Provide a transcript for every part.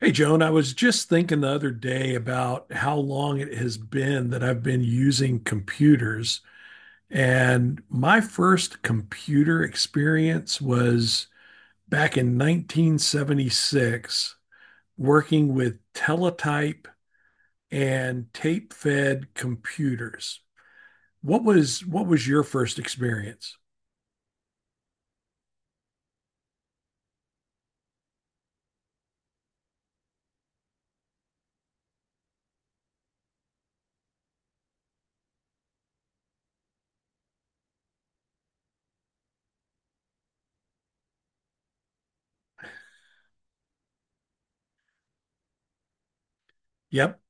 Hey, Joan, I was just thinking the other day about how long it has been that I've been using computers. And my first computer experience was back in 1976, working with teletype and tape-fed computers. What was your first experience? Yep,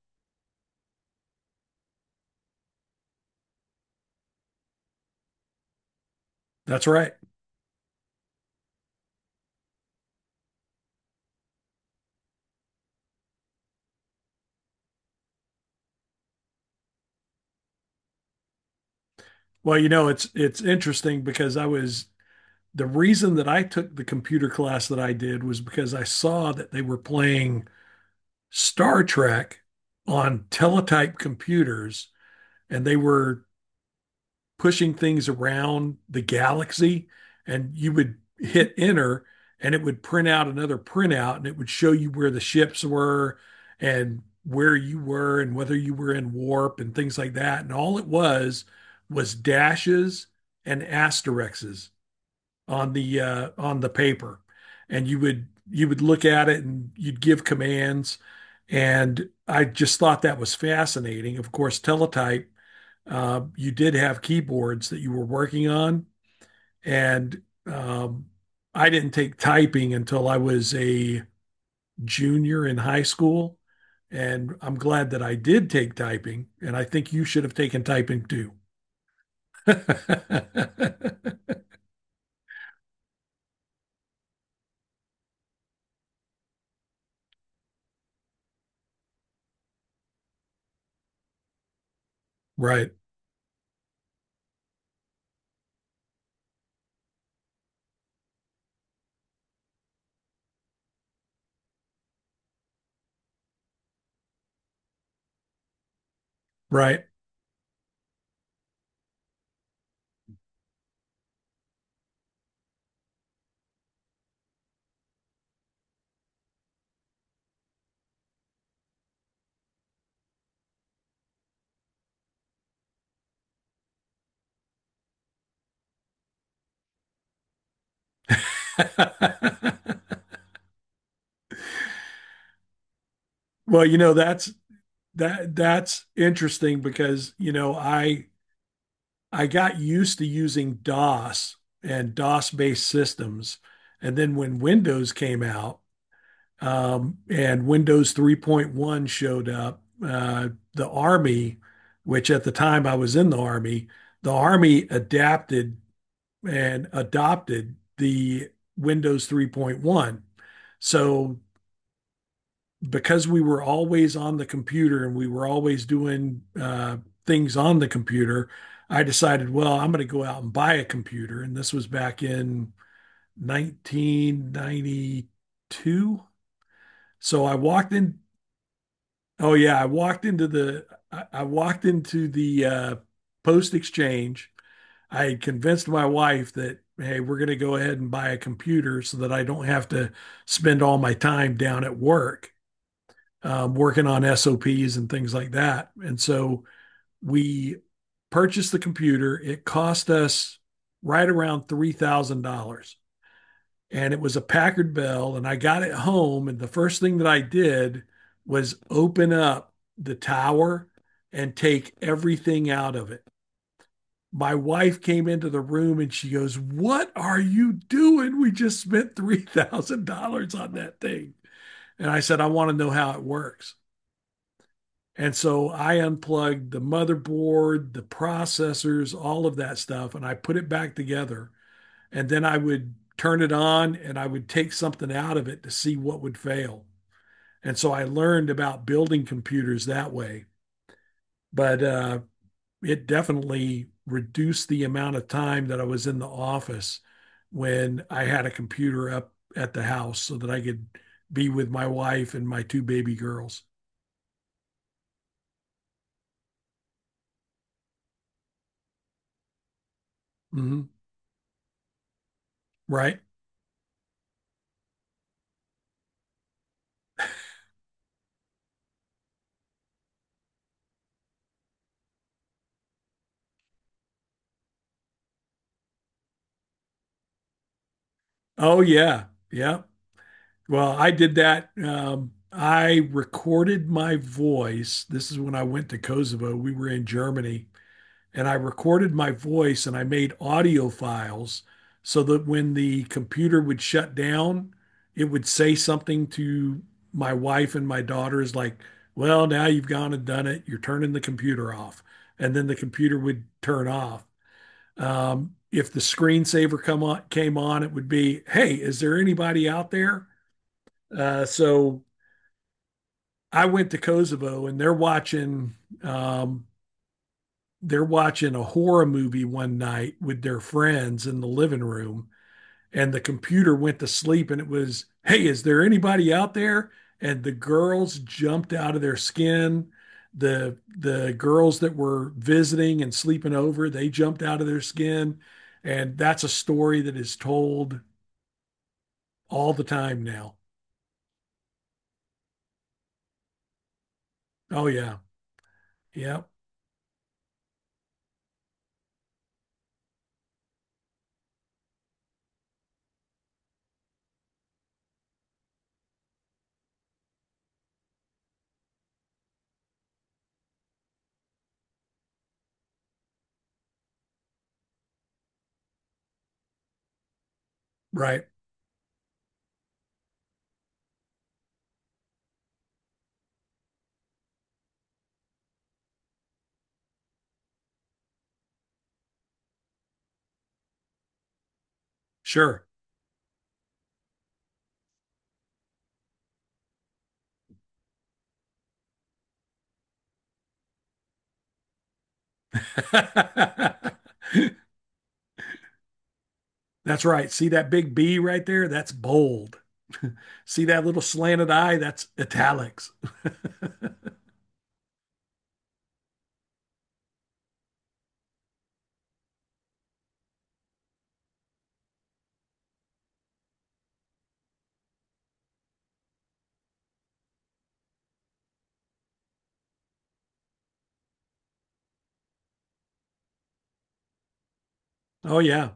that's right. Well, you know, it's interesting because I was the reason that I took the computer class that I did was because I saw that they were playing Star Trek on teletype computers and they were pushing things around the galaxy and you would hit enter and it would print out another printout and it would show you where the ships were and where you were and whether you were in warp and things like that and all it was dashes and asterisks on the paper, and you would look at it and you'd give commands, and I just thought that was fascinating. Of course, teletype, you did have keyboards that you were working on, and I didn't take typing until I was a junior in high school, and I'm glad that I did take typing, and I think you should have taken typing too. Right, right. Well, you know, that's interesting because, you know, I got used to using DOS and DOS-based systems. And then when Windows came out, and Windows 3.1 showed up, the Army, which at the time I was in the Army adapted and adopted the Windows 3.1. So because we were always on the computer and we were always doing things on the computer, I decided, well, I'm going to go out and buy a computer. And this was back in 1992. So I walked in. Oh yeah, I walked into the post exchange. I had convinced my wife that hey, we're going to go ahead and buy a computer so that I don't have to spend all my time down at work, working on SOPs and things like that. And so we purchased the computer. It cost us right around $3,000. And it was a Packard Bell. And I got it home. And the first thing that I did was open up the tower and take everything out of it. My wife came into the room and she goes, "What are you doing? We just spent $3,000 on that thing." And I said, "I want to know how it works." And so I unplugged the motherboard, the processors, all of that stuff, and I put it back together. And then I would turn it on and I would take something out of it to see what would fail. And so I learned about building computers that way. But it definitely reduced the amount of time that I was in the office when I had a computer up at the house so that I could be with my wife and my two baby girls. Hmm. Right. Oh, yeah. Yeah. Well, I did that. I recorded my voice. This is when I went to Kosovo. We were in Germany, and I recorded my voice and I made audio files so that when the computer would shut down, it would say something to my wife and my daughters like, "Well, now you've gone and done it. You're turning the computer off." And then the computer would turn off. If the screensaver come on, came on, it would be, "Hey, is there anybody out there?" So I went to Kosovo and um, they're watching a horror movie one night with their friends in the living room and the computer went to sleep and it was, "Hey, is there anybody out there?" And the girls jumped out of their skin. The girls that were visiting and sleeping over, they jumped out of their skin. And that's a story that is told all the time now. Oh yeah. Yeah. Right. Sure. That's right. See that big B right there? That's bold. See that little slanted I? That's italics. Oh, yeah.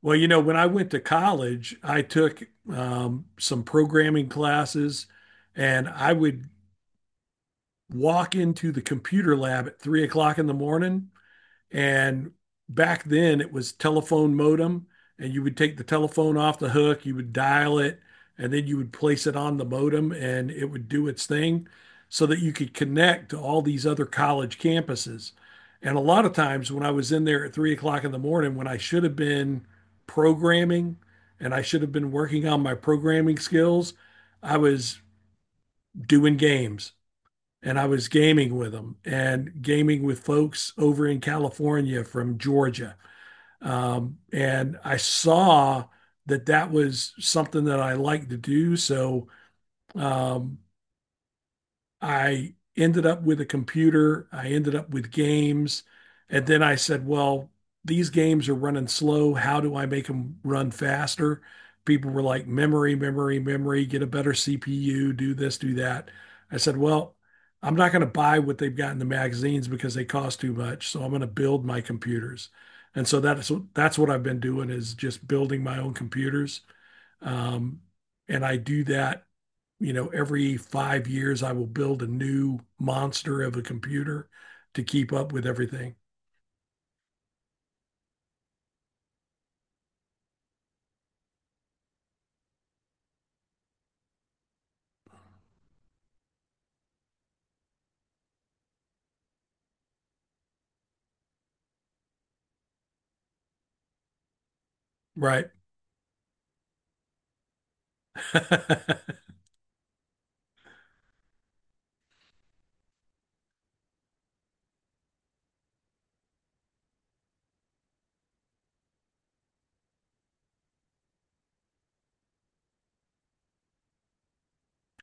Well, you know, when I went to college, I took some programming classes and I would walk into the computer lab at 3 o'clock in the morning. And back then it was telephone modem, and you would take the telephone off the hook, you would dial it, and then you would place it on the modem, and it would do its thing so that you could connect to all these other college campuses. And a lot of times when I was in there at 3 o'clock in the morning, when I should have been programming and I should have been working on my programming skills, I was doing games and I was gaming with them and gaming with folks over in California from Georgia. And I saw that that was something that I liked to do. So um, I ended up with a computer. I ended up with games. And then I said, well, these games are running slow. How do I make them run faster? People were like, memory, memory, memory, get a better CPU, do this, do that. I said, well, I'm not going to buy what they've got in the magazines because they cost too much. So I'm going to build my computers. And so that's what I've been doing is just building my own computers. Um, and I do that, you know, every 5 years I will build a new monster of a computer to keep up with everything. Right.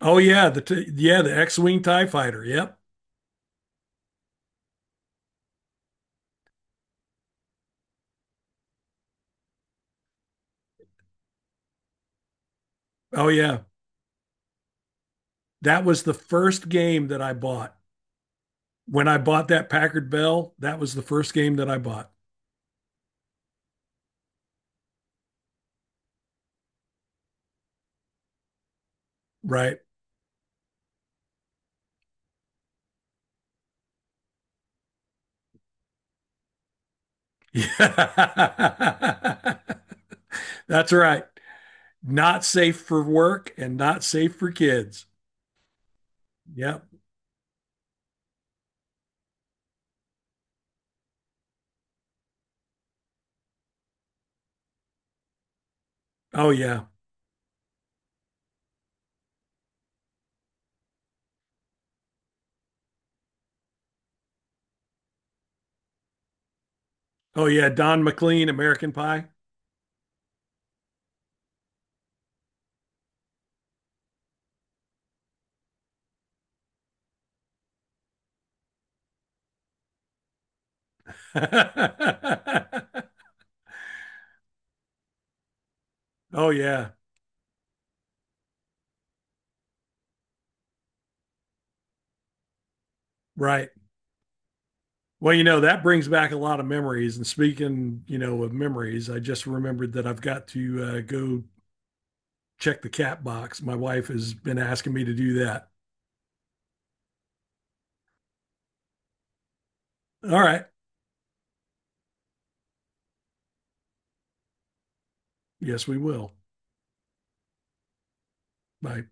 Oh yeah, yeah, the X-Wing TIE fighter. Yep. Oh yeah. That was the first game that I bought. When I bought that Packard Bell, that was the first game that I bought. Right. Yeah. That's right. Not safe for work and not safe for kids. Yep. Oh yeah. Oh yeah, Don McLean, American Pie. Oh yeah, right. Well, you know, that brings back a lot of memories. And speaking, you know, of memories, I just remembered that I've got to go check the cat box. My wife has been asking me to do that. All right. Yes, we will. Bye.